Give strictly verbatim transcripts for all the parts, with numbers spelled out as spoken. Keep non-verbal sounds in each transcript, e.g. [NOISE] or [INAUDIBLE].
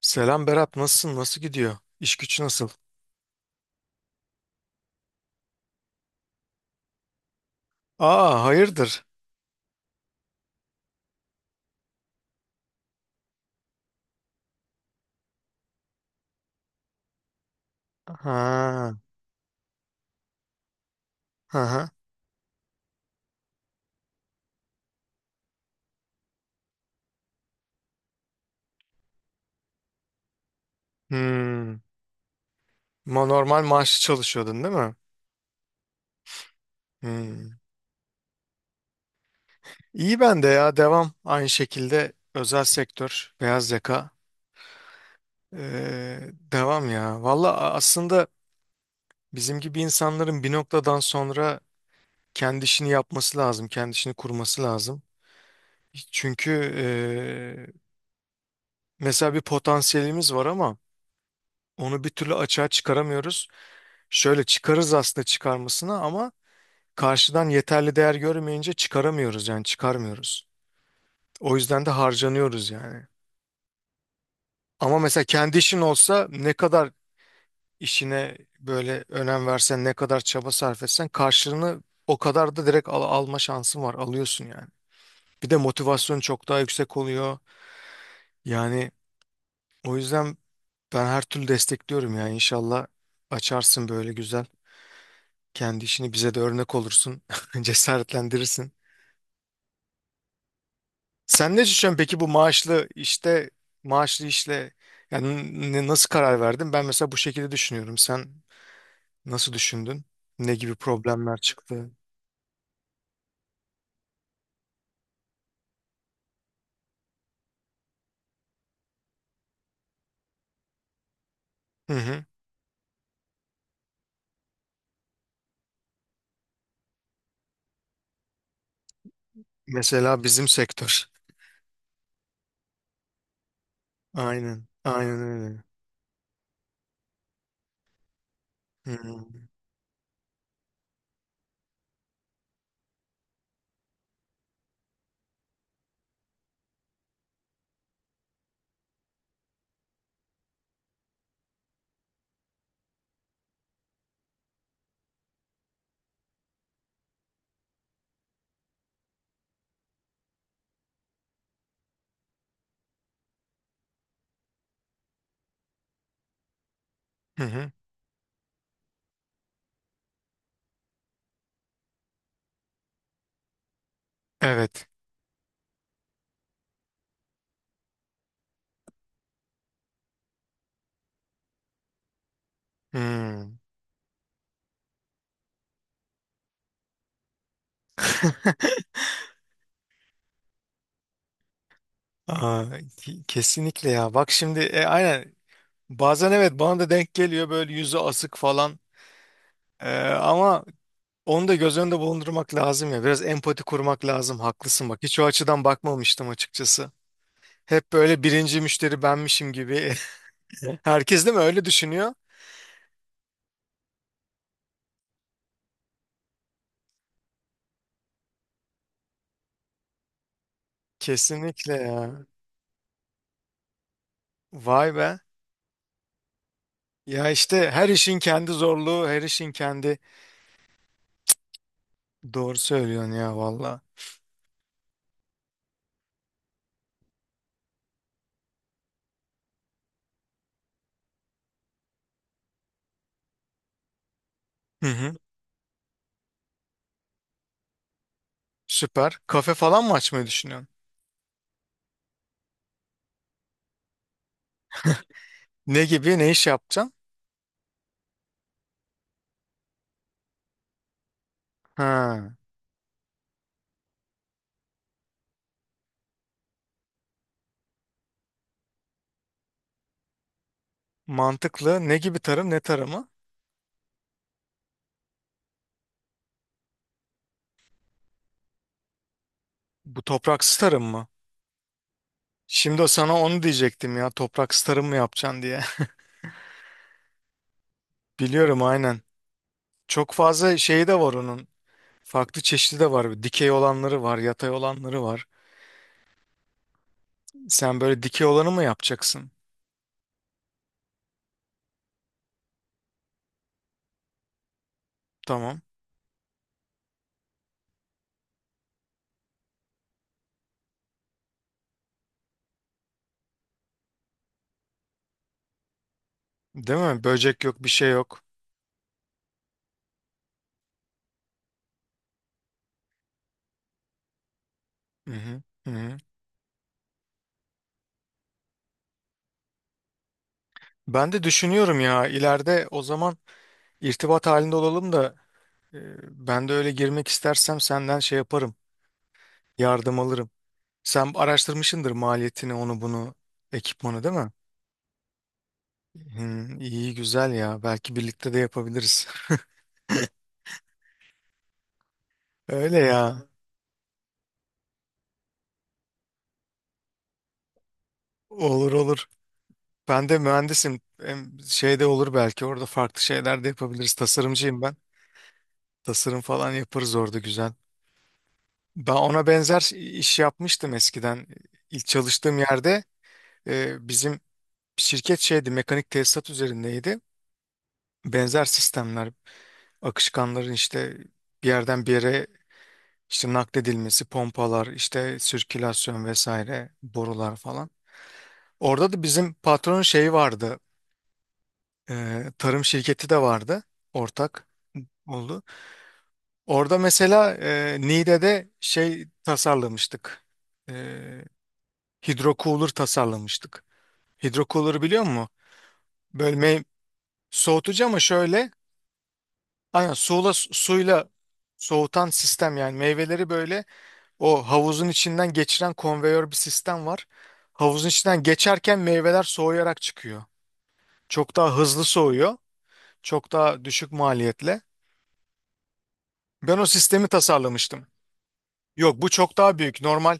Selam Berat, nasılsın? Nasıl gidiyor? İş güç nasıl? Aa, hayırdır? Ha, ha, ha. Hmm. Ma- Normal maaşlı çalışıyordun, değil mi? Hmm. İyi, ben de ya, devam. Aynı şekilde özel sektör, beyaz yaka. Ee, devam ya. Valla, a- aslında bizim gibi insanların bir noktadan sonra kendi işini yapması lazım, kendi işini kurması lazım. Çünkü ee, mesela bir potansiyelimiz var ama onu bir türlü açığa çıkaramıyoruz. Şöyle çıkarız aslında, çıkarmasına ama karşıdan yeterli değer görmeyince çıkaramıyoruz, yani çıkarmıyoruz. O yüzden de harcanıyoruz yani. Ama mesela kendi işin olsa ne kadar işine böyle önem versen, ne kadar çaba sarf etsen karşılığını o kadar da direkt al- alma şansın var, alıyorsun yani. Bir de motivasyon çok daha yüksek oluyor. Yani o yüzden ben her türlü destekliyorum, yani inşallah açarsın böyle güzel. Kendi işini bize de örnek olursun, [LAUGHS] cesaretlendirirsin. Sen ne düşünüyorsun peki bu maaşlı işte, maaşlı işle, yani n- nasıl karar verdin? Ben mesela bu şekilde düşünüyorum. Sen nasıl düşündün? Ne gibi problemler çıktı? Hı hı. Mesela bizim sektör. Aynen. Aynen öyle. Hı hı. Hı hı. Evet. Hı. Aa, ki- kesinlikle ya. Bak şimdi, e, aynen. Bazen evet, bana da denk geliyor böyle yüzü asık falan. E, ama onu da göz önünde bulundurmak lazım ya. Biraz empati kurmak lazım. Haklısın, bak. Hiç o açıdan bakmamıştım, açıkçası. Hep böyle birinci müşteri benmişim gibi. [LAUGHS] Herkes değil mi öyle düşünüyor? Kesinlikle ya. Vay be. Ya işte her işin kendi zorluğu, her işin kendi... Doğru söylüyorsun ya, valla. Hı hı. Süper. Kafe falan mı açmayı düşünüyorsun? Ne gibi, ne iş yapacaksın? Ha, mantıklı. Ne gibi tarım, ne tarımı? Bu topraksız tarım mı? Şimdi sana onu diyecektim ya. Topraksız tarım mı yapacaksın diye. Biliyorum, aynen. Çok fazla şeyi de var onun. Farklı çeşidi de var. Dikey olanları var, yatay olanları var. Sen böyle dikey olanı mı yapacaksın? Tamam. Değil mi? Böcek yok, bir şey yok. Hı hı. Hı hı. Ben de düşünüyorum ya, ileride o zaman irtibat halinde olalım da, e, ben de öyle girmek istersem senden şey yaparım. Yardım alırım. Sen araştırmışsındır maliyetini, onu bunu, ekipmanı, değil mi? Hı, iyi güzel ya. Belki birlikte de yapabiliriz. [LAUGHS] Öyle ya. Olur olur. Ben de mühendisim. Hem şeyde olur, belki orada farklı şeyler de yapabiliriz. Tasarımcıyım ben. Tasarım falan yaparız orada güzel. Ben ona benzer iş yapmıştım eskiden. İlk çalıştığım yerde, e, bizim şirket şeydi, mekanik tesisat üzerindeydi. Benzer sistemler, akışkanların işte bir yerden bir yere işte nakledilmesi, pompalar, işte sirkülasyon vesaire, borular falan. Orada da bizim patronun şeyi vardı. E, tarım şirketi de vardı, ortak oldu. Orada mesela e, Niğde'de şey tasarlamıştık. E, hidrocooler tasarlamıştık. Hidrocooler'ı biliyor musun? Bölme soğutucu, ama şöyle, aynen suyla, suyla soğutan sistem yani, meyveleri böyle o havuzun içinden geçiren konveyör bir sistem var. Havuzun içinden geçerken meyveler soğuyarak çıkıyor. Çok daha hızlı soğuyor. Çok daha düşük maliyetle. Ben o sistemi tasarlamıştım. Yok, bu çok daha büyük. Normal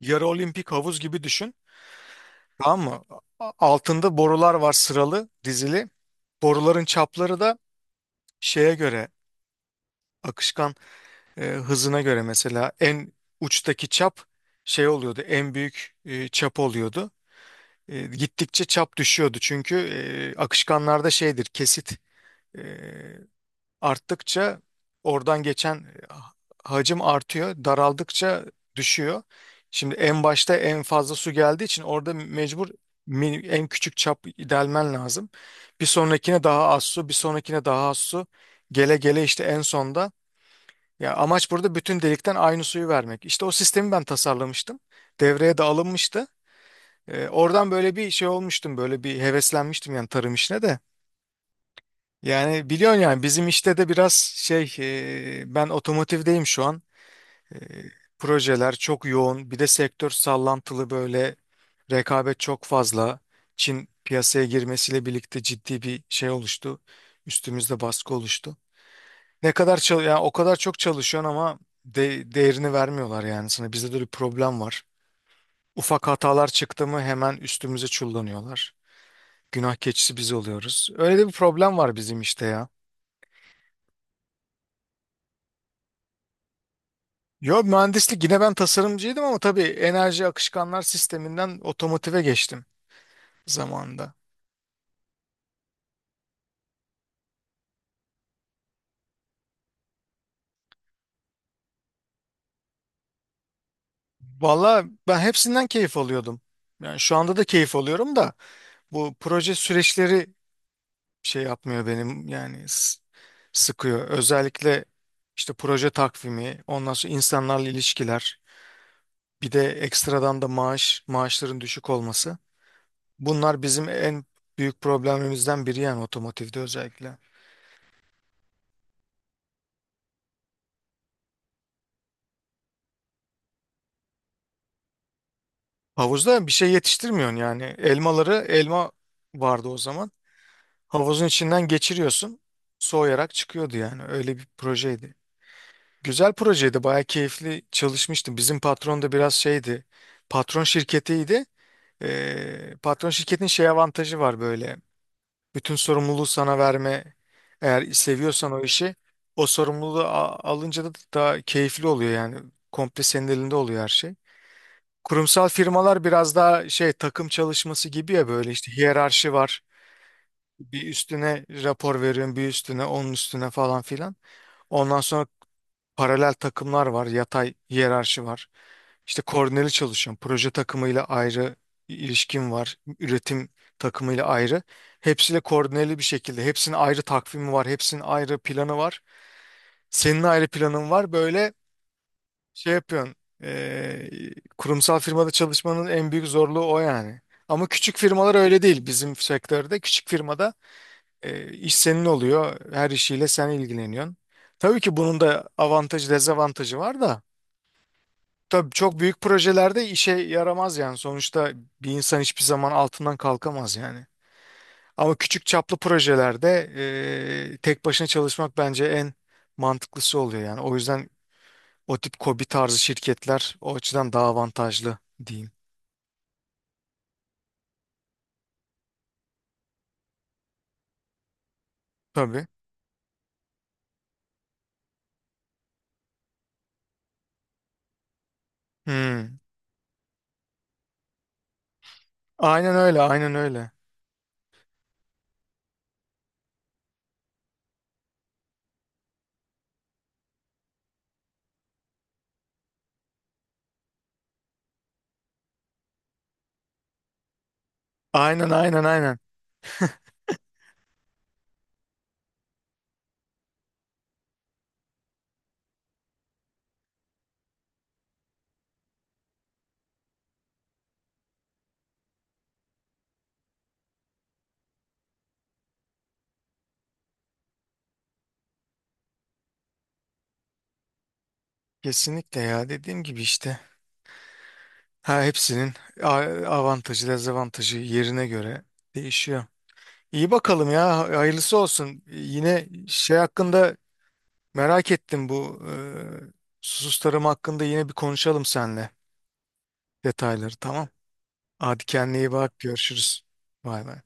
yarı olimpik havuz gibi düşün. Tamam mı? A- Altında borular var, sıralı, dizili. Boruların çapları da şeye göre, akışkan e, hızına göre, mesela en uçtaki çap şey oluyordu, en büyük e, çap oluyordu. E, gittikçe çap düşüyordu çünkü e, akışkanlarda şeydir, kesit e, arttıkça oradan geçen e, hacim artıyor. Daraldıkça düşüyor. Şimdi en başta en fazla su geldiği için orada mecbur min- en küçük çap delmen lazım. Bir sonrakine daha az su, bir sonrakine daha az su. Gele gele işte en sonda. Ya amaç burada bütün delikten aynı suyu vermek. İşte o sistemi ben tasarlamıştım. Devreye de alınmıştı. Ee, oradan böyle bir şey olmuştum, böyle bir heveslenmiştim yani tarım işine de. Yani biliyorsun yani bizim işte de biraz şey, e, ben otomotivdeyim şu an. E, projeler çok yoğun. Bir de sektör sallantılı böyle, rekabet çok fazla. Çin piyasaya girmesiyle birlikte ciddi bir şey oluştu. Üstümüzde baskı oluştu. Ne kadar çal yani o kadar çok çalışıyorsun ama de- değerini vermiyorlar yani sana. Bizde de bir problem var. Ufak hatalar çıktı mı hemen üstümüze çullanıyorlar. Günah keçisi biz oluyoruz. Öyle de bir problem var bizim işte ya. Yo, mühendislik yine, ben tasarımcıydım ama tabii enerji akışkanlar sisteminden otomotive geçtim zamanında. Valla, ben hepsinden keyif alıyordum. Yani şu anda da keyif alıyorum da bu proje süreçleri şey yapmıyor benim yani, s- sıkıyor. Özellikle işte proje takvimi, ondan sonra insanlarla ilişkiler, bir de ekstradan da maaş, maaşların düşük olması. Bunlar bizim en büyük problemimizden biri, yani otomotivde özellikle. Havuzda bir şey yetiştirmiyorsun yani. Elmaları, elma vardı o zaman. Havuzun içinden geçiriyorsun. Soğuyarak çıkıyordu yani. Öyle bir projeydi. Güzel projeydi. Bayağı keyifli çalışmıştım. Bizim patron da biraz şeydi. Patron şirketiydi. Ee, patron şirketin şey avantajı var böyle. Bütün sorumluluğu sana verme. Eğer seviyorsan o işi, o sorumluluğu a- alınca da daha keyifli oluyor yani. Komple senin elinde oluyor her şey. Kurumsal firmalar biraz daha şey, takım çalışması gibi ya, böyle işte hiyerarşi var. Bir üstüne rapor veriyorsun, bir üstüne, onun üstüne falan filan. Ondan sonra paralel takımlar var, yatay hiyerarşi var. İşte koordineli çalışıyorum. Proje takımıyla ayrı ilişkim var. Üretim takımıyla ayrı. Hepsiyle koordineli bir şekilde. Hepsinin ayrı takvimi var. Hepsinin ayrı planı var. Senin ayrı planın var. Böyle şey yapıyorsun. e, Kurumsal firmada çalışmanın en büyük zorluğu o yani. Ama küçük firmalar öyle değil. Bizim sektörde küçük firmada e, iş senin oluyor. Her işiyle sen ilgileniyorsun. Tabii ki bunun da avantajı dezavantajı var da. Tabii çok büyük projelerde işe yaramaz yani. Sonuçta bir insan hiçbir zaman altından kalkamaz yani. Ama küçük çaplı projelerde e, tek başına çalışmak bence en mantıklısı oluyor yani. O yüzden o tip KOBİ tarzı şirketler o açıdan daha avantajlı diyeyim. Tabii. Hmm. Aynen öyle, aynen öyle. Aynen, aynen, aynen. Kesinlikle ya, dediğim gibi işte. Ha, hepsinin a- avantajı, dezavantajı yerine göre değişiyor. İyi bakalım ya, hayırlısı olsun. Yine şey hakkında merak ettim, bu e, susuz tarım hakkında yine bir konuşalım seninle, detayları, tamam. Hadi kendine iyi bak, görüşürüz. Bay bay.